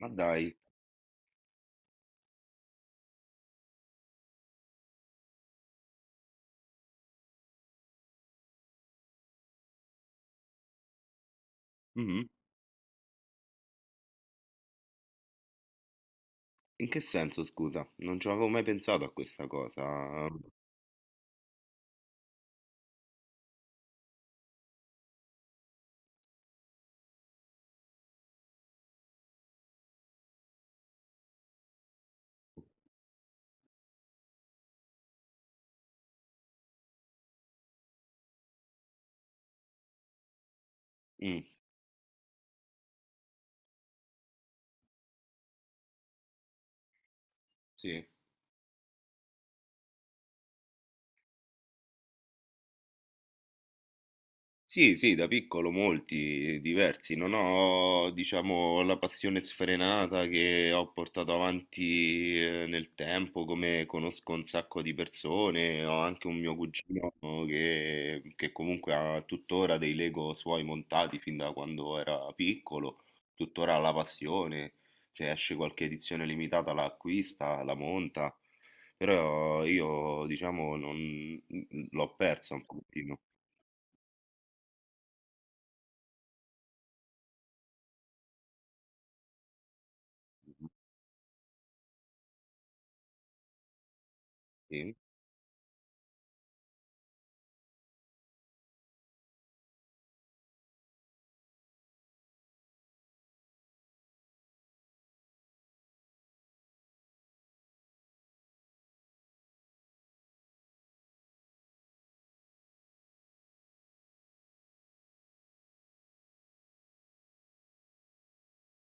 Ma dai, mhm. In che senso, scusa? Non ci avevo mai pensato a questa cosa. Mm, sì. Sì, sì, da piccolo molti, diversi. Non ho, diciamo, la passione sfrenata che ho portato avanti nel tempo, come conosco un sacco di persone. Ho anche un mio cugino che comunque ha tuttora dei Lego suoi montati fin da quando era piccolo, tuttora ha la passione. Se esce qualche edizione limitata la acquista, la monta. Però io, diciamo, non- l'ho persa un pochino. Sì.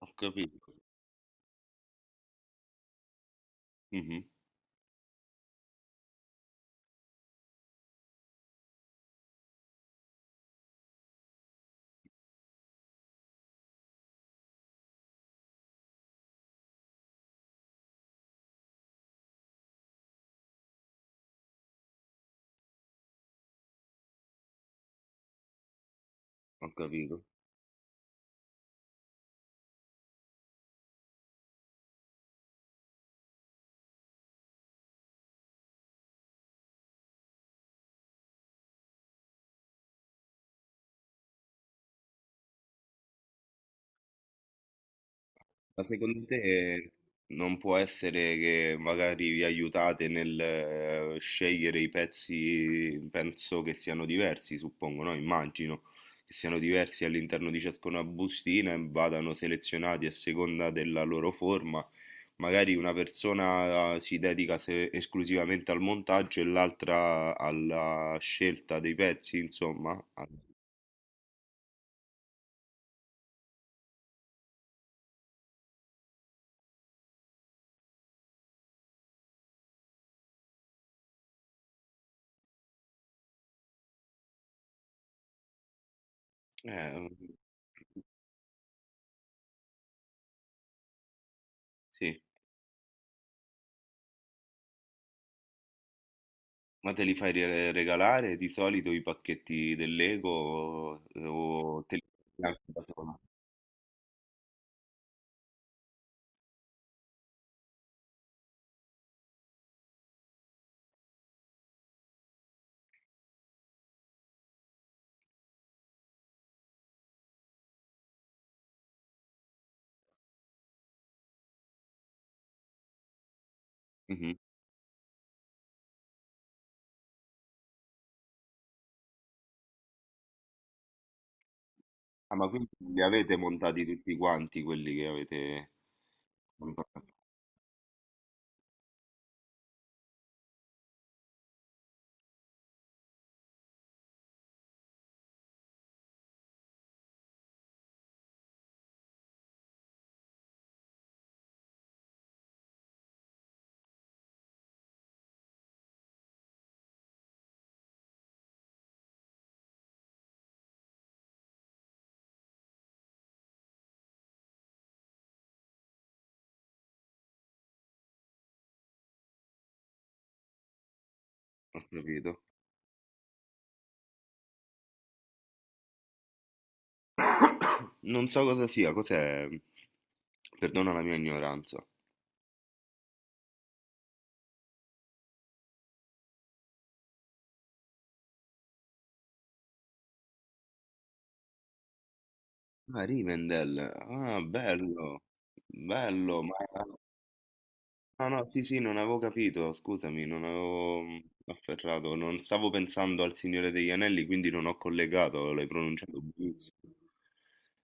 Ho capito. Mh-mh, ho capito. Ma secondo te non può essere che magari vi aiutate nel scegliere i pezzi, penso che siano diversi, suppongo, no, immagino, che siano diversi all'interno di ciascuna bustina e vadano selezionati a seconda della loro forma. Magari una persona si dedica se esclusivamente al montaggio e l'altra alla scelta dei pezzi, insomma. Al eh, sì. Ma te li fai re- regalare di solito i pacchetti del Lego o te li fai anche da sola? Mhm. Ah, ma quindi li avete montati tutti quanti quelli che avete comprato? Ho capito. Non so cosa sia, cos'è? Perdona la mia ignoranza. Ah, Rivendell. Ah, bello. Bello, ma... No, no, sì, sì, non avevo capito, scusami, non avevo afferrato, non stavo pensando al Signore degli Anelli, quindi non ho collegato, l'hai pronunciato benissimo.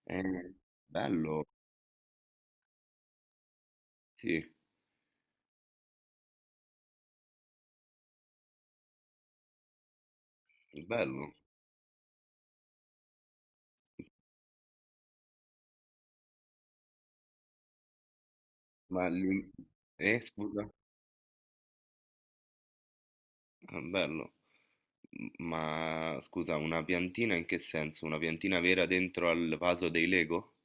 Eh, bello, sì, bello. Ma li- scusa. Ah, bello. M- Ma scusa, una piantina in che senso? Una piantina vera dentro al vaso dei Lego?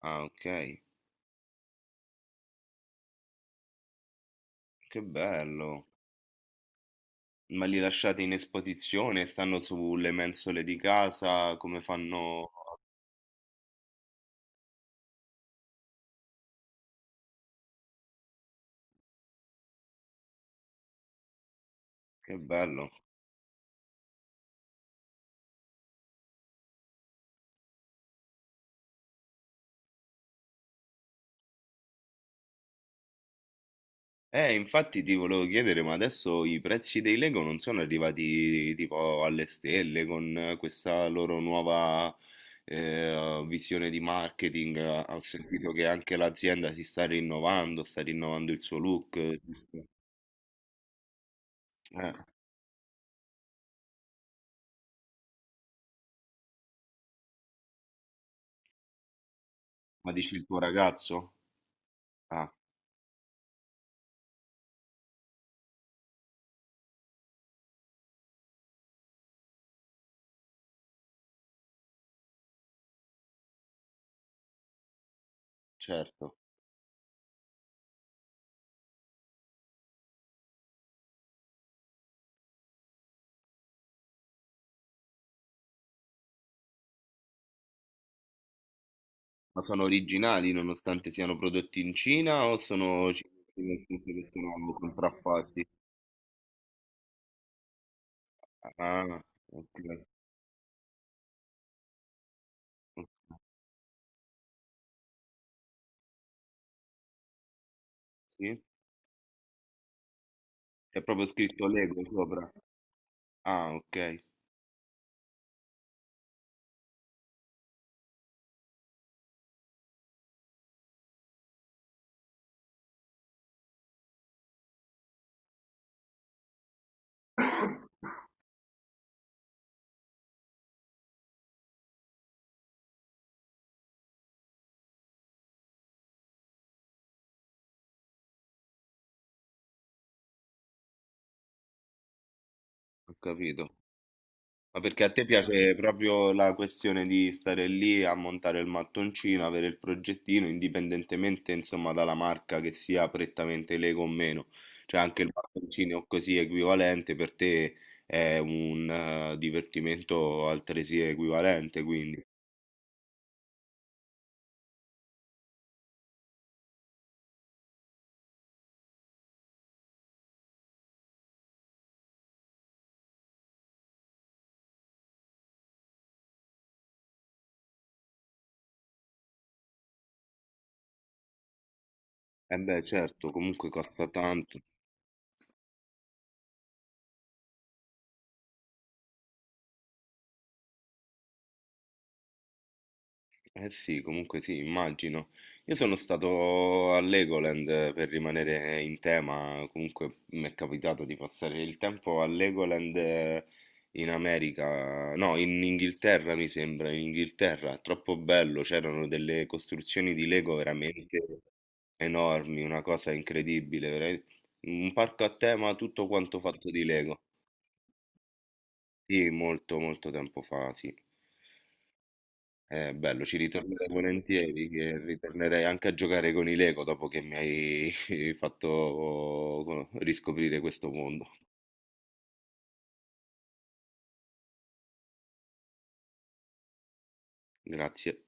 Ah, ok. Che bello. Ma li lasciate in esposizione? Stanno sulle mensole di casa? Come fanno? Che bello. Infatti ti volevo chiedere, ma adesso i prezzi dei Lego non sono arrivati tipo alle stelle con questa loro nuova visione di marketing? Ho sentito che anche l'azienda si sta rinnovando il suo look, giusto? Eh, ma dici il tuo ragazzo? Ah, certo. Ma sono originali nonostante siano prodotti in Cina o sono cinesi nel senso che sono contraffatti? Ah, ok. Sì? C'è proprio scritto Lego sopra. Ah, ok, ho capito. Ma perché a te piace proprio la questione di stare lì a montare il mattoncino, avere il progettino, indipendentemente insomma dalla marca che sia prettamente Lego o meno. Cioè anche il mattoncino o così equivalente per te è un divertimento altresì equivalente, quindi. Eh beh, certo, comunque costa tanto. Eh sì, comunque sì, immagino. Io sono stato a Legoland per rimanere in tema, comunque mi è capitato di passare il tempo a Legoland in America, no, in Inghilterra mi sembra, in Inghilterra, troppo bello, c'erano delle costruzioni di Lego veramente enormi, una cosa incredibile, vera- un parco a tema tutto quanto fatto di Lego. Sì, molto molto tempo fa, sì. Bello, ci ritornerei volentieri, che ritornerei anche a giocare con i Lego dopo che mi hai fatto riscoprire questo mondo. Grazie.